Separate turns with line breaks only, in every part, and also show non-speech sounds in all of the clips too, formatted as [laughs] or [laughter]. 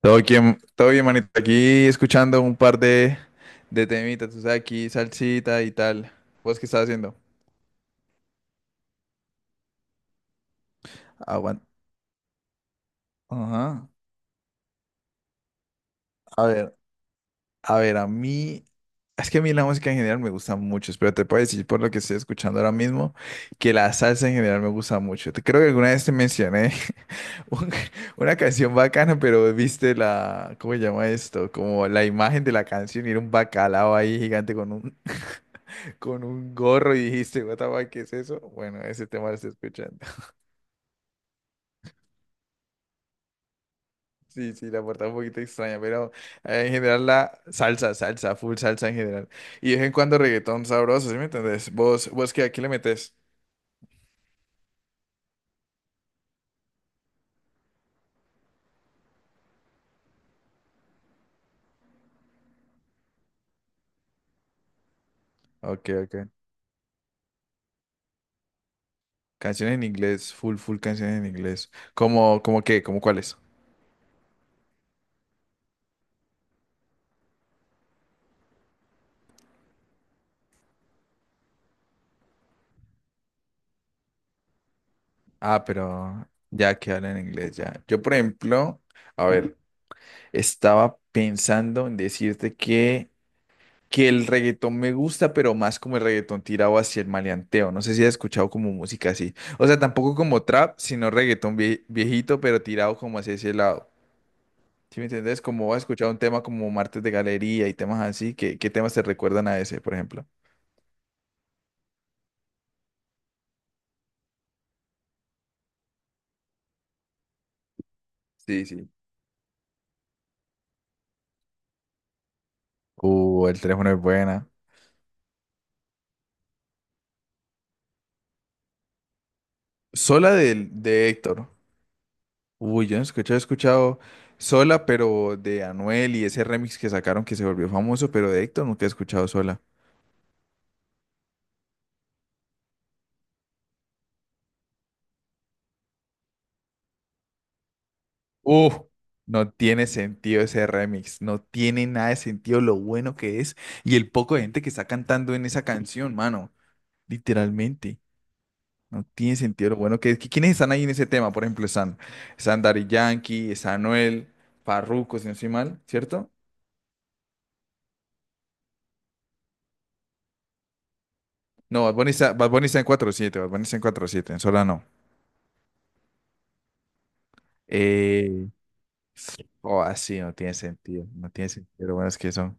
Todo bien, manito. Aquí escuchando un par de temitas, tú sabes, aquí salsita y tal. ¿Vos qué estás haciendo? Aguanta. Ajá. A ver, a ver, a mí. Es que a mí la música en general me gusta mucho, pero te puedo decir por lo que estoy escuchando ahora mismo que la salsa en general me gusta mucho. Te creo que alguna vez te mencioné [laughs] un- una canción bacana, pero viste la, ¿cómo se llama esto? Como la imagen de la canción y era un bacalao ahí gigante con un gorro y dijiste, what the fuck, ¿qué es eso? Bueno, ese tema lo estoy escuchando. [laughs] Sí, sí, la portada un poquito extraña, pero en general la salsa, salsa, full salsa en general. Y de vez en cuando reggaetón sabroso, ¿sí me entendés? ¿Vos qué, aquí le metes? Ok, ok. Canciones en inglés, full, full canciones en inglés. ¿Cómo qué? ¿Cómo cuáles? Ah, pero ya que hablan en inglés, ya. Yo, por ejemplo, a ver, estaba pensando en decirte que el reggaetón me gusta, pero más como el reggaetón tirado hacia el maleanteo. No sé si has escuchado como música así. O sea, tampoco como trap, sino reggaetón viejito, pero tirado como hacia ese lado. ¿Sí me entiendes? Como has escuchado un tema como Martes de Galería y temas así, ¿qué temas te recuerdan a ese, por ejemplo? Sí, sí. El teléfono es buena. Sola de Héctor. Uy, yo no escuché, he escuchado Sola, pero de Anuel y ese remix que sacaron que se volvió famoso, pero de Héctor nunca he escuchado Sola. Uf, no tiene sentido ese remix, no tiene nada de sentido lo bueno que es y el poco de gente que está cantando en esa canción, mano, literalmente, no tiene sentido lo bueno que es. ¿Quiénes están ahí en ese tema? Por ejemplo, están, Daddy Yankee, está Anuel, Farruko, si no estoy mal, ¿cierto? No, Bad Bunny está en cuatro siete. Bad Bunny está en cuatro siete. En Sola no. Eh, oh, así no tiene sentido, no tiene sentido lo buenos que son.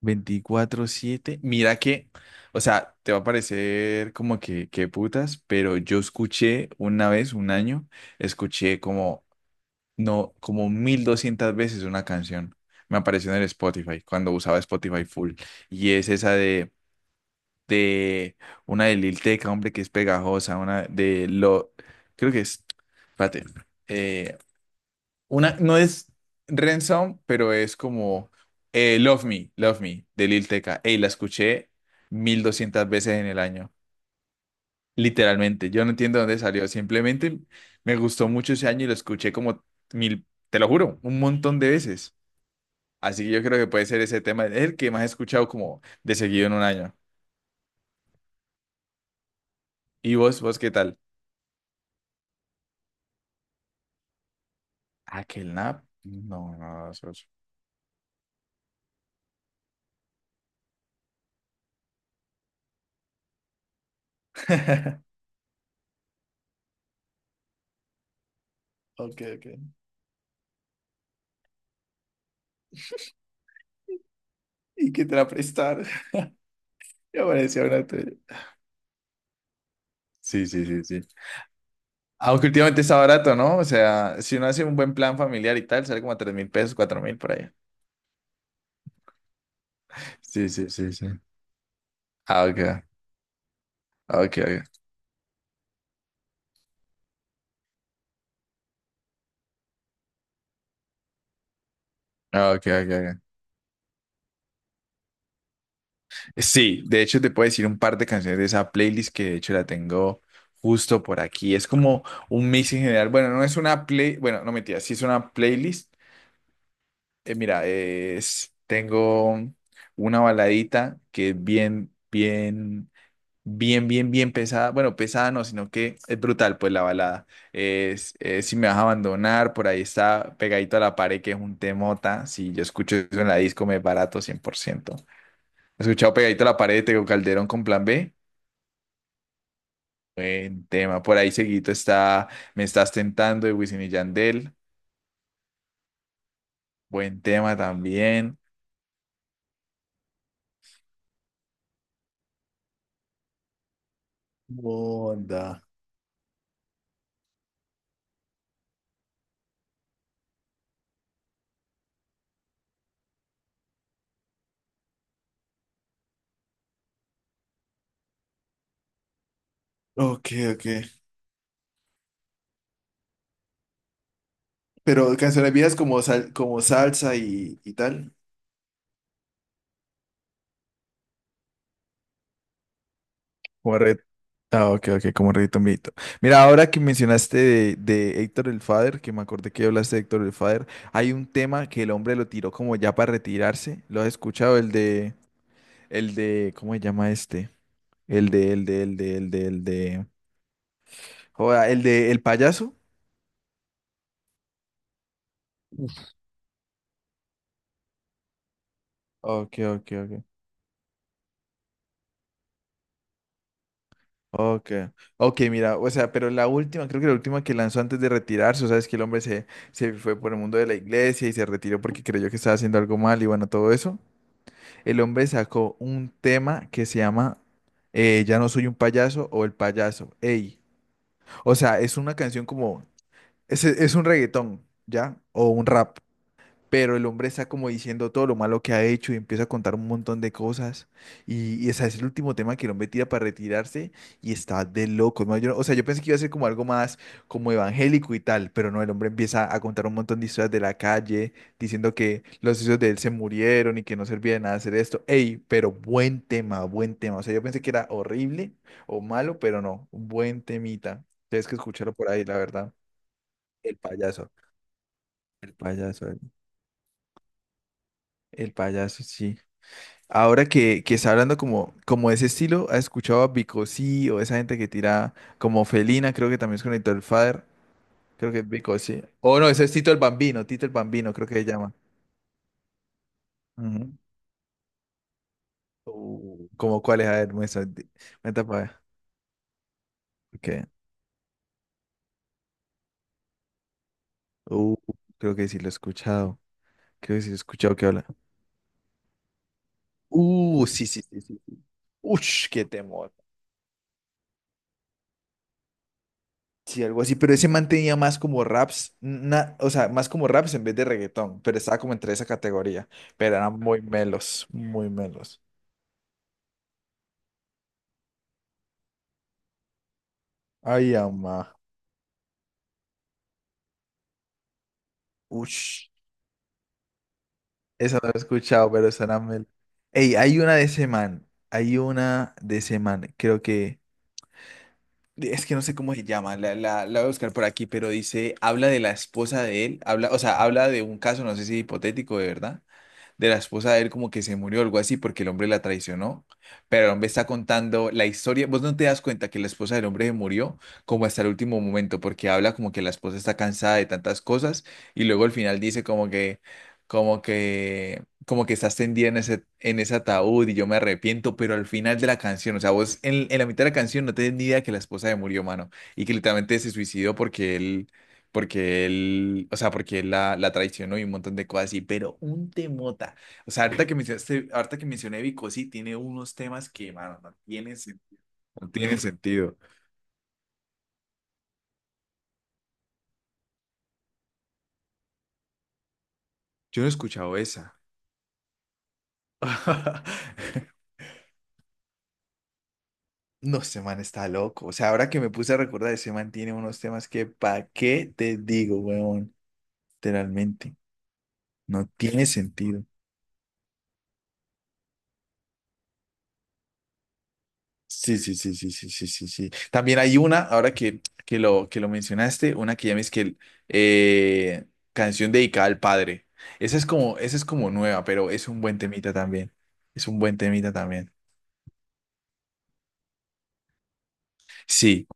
24/7. Mira que, o sea, te va a parecer como que putas, pero yo escuché una vez, un año, escuché como, no, como 1200 veces una canción. Me apareció en el Spotify, cuando usaba Spotify full. Y es esa de una de Lil Tecca, hombre, que es pegajosa, una de lo, creo que es, espérate, eh, una, no es Ransom, pero es como Love Me, Love Me, de Lil Tecca. Ey, la escuché 1200 veces en el año. Literalmente. Yo no entiendo dónde salió. Simplemente me gustó mucho ese año y lo escuché como mil, te lo juro, un montón de veces. Así que yo creo que puede ser ese tema el que más he escuchado como de seguido en un año. ¿Y vos qué tal? ¿Aquel nap? No, no, eso es- [laughs] Ok, ok. ¿Y qué te la prestar? [laughs] Ya parecía una tuya. Sí, sí, sí, sí. Aunque últimamente está barato, ¿no? O sea, si uno hace un buen plan familiar y tal, sale como a 3000 pesos, 4000 por ahí. Sí, sí, sí, sí. Ah, ok. Ah, ok, ok. Ah, ok, ok, ok. Sí, de hecho te puedo decir un par de canciones de esa playlist que de hecho la tengo justo por aquí. Es como un mix en general. Bueno, no es una play, bueno, no mentira, sí es una playlist. Mira, es, tengo una baladita que es bien, bien, bien, bien, bien pesada. Bueno, pesada no, sino que es brutal, pues la balada. Es, si me vas a abandonar, por ahí está pegadito a la pared, que es un temota. Si yo escucho eso en la disco, me barato 100%. He escuchado pegadito a la pared de Tego Calderón con Plan B. Buen tema. Por ahí seguito está Me estás tentando de Wisin y Yandel. Buen tema también. Onda. Ok, ok. Pero canciones viejas como, como salsa y tal. Como red. Ah, ok, ok, como reditombito. Mira, ahora que mencionaste de Héctor el Father, que me acordé que hablaste de Héctor el Father, hay un tema que el hombre lo tiró como ya para retirarse. ¿Lo has escuchado? El de, ¿cómo se llama este? El de, el payaso. Ok, ok, ok. Ok, ok, mira, o sea, pero la última, creo que la última que lanzó antes de retirarse, o sea, es que el hombre se fue por el mundo de la iglesia y se retiró porque creyó que estaba haciendo algo mal y bueno, todo eso. El hombre sacó un tema que se llama Ya no soy un payaso o El payaso. Ey. O sea, es una canción como, es un reggaetón, ¿ya? O un rap, pero el hombre está como diciendo todo lo malo que ha hecho y empieza a contar un montón de cosas. Y ese es el último tema que el hombre tira para retirarse y está de loco, ¿no? No, o sea, yo pensé que iba a ser como algo más como evangélico y tal, pero no, el hombre empieza a contar un montón de historias de la calle, diciendo que los hijos de él se murieron y que no servía de nada hacer esto. Ey, pero buen tema, buen tema. O sea, yo pensé que era horrible o malo, pero no, buen temita. Tienes que escucharlo por ahí, la verdad. El payaso. El payaso, el payaso, sí. Ahora que está hablando como, de ese estilo, ¿has escuchado a Bicosí o esa gente que tira como Felina? Creo que también es conectó el Father. Creo que es Bicosí. O no, ese es Tito el Bambino, creo que se llama. Ujú. ¿Cómo cuál es? A ver, muestra, muestra para ver. Okay. Uh, Creo que sí lo he escuchado. Creo que sí lo he escuchado que habla. Sí, sí, sí, sí. Ush, qué temor. Sí, algo así, pero ese man tenía más como raps, o sea, más como raps en vez de reggaetón, pero estaba como entre esa categoría, pero eran muy melos, muy melos. Ay, ama, ush, esa no la he escuchado, pero suena mel. Ey, hay una de ese man, hay una de ese man, creo que, es que no sé cómo se llama, la, la voy a buscar por aquí, pero dice, habla de la esposa de él, habla, o sea, habla de un caso, no sé si hipotético, de verdad, de la esposa de él como que se murió o algo así porque el hombre la traicionó. Pero el hombre está contando la historia. Vos no te das cuenta que la esposa del hombre se murió como hasta el último momento porque habla como que la esposa está cansada de tantas cosas y luego al final dice como que, como que estás tendida en ese ataúd y yo me arrepiento, pero al final de la canción, o sea, vos en la mitad de la canción no tenés ni idea que la esposa se murió, mano, y que literalmente se suicidó porque él, o sea, porque él la, traicionó y un montón de cosas así, pero un temota. O sea, ahorita que mencionaste, ahorita que mencioné Vico, sí, tiene unos temas que, mano, no tiene, no tiene sentido. Yo no he escuchado esa. [laughs] No, ese man está loco. O sea, ahora que me puse a recordar, ese man tiene unos temas que, ¿pa' qué te digo, weón? Literalmente, no tiene sentido. Sí, sí, sí, sí, sí, sí, sí, sí. También hay una, ahora que lo mencionaste, una que llames que el, eh, canción dedicada al padre. Esa es como nueva, pero es un buen temita también. Es un buen temita también. Sí,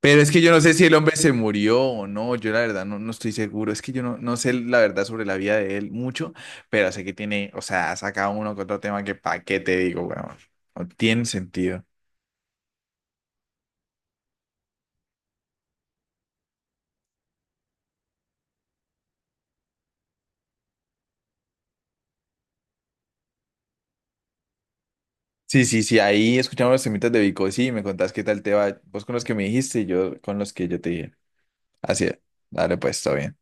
pero es que yo no sé si el hombre se murió o no, yo la verdad no, no estoy seguro. Es que yo no sé la verdad sobre la vida de él mucho, pero sé que tiene, o sea, saca uno con otro tema que pa' qué te digo, bueno, no tiene sentido. Sí, sí, sí, ahí escuchamos los temitas de Vico, sí, me contás qué tal te va, vos con los que me dijiste y yo con los que yo te dije. Así es, dale pues, está bien.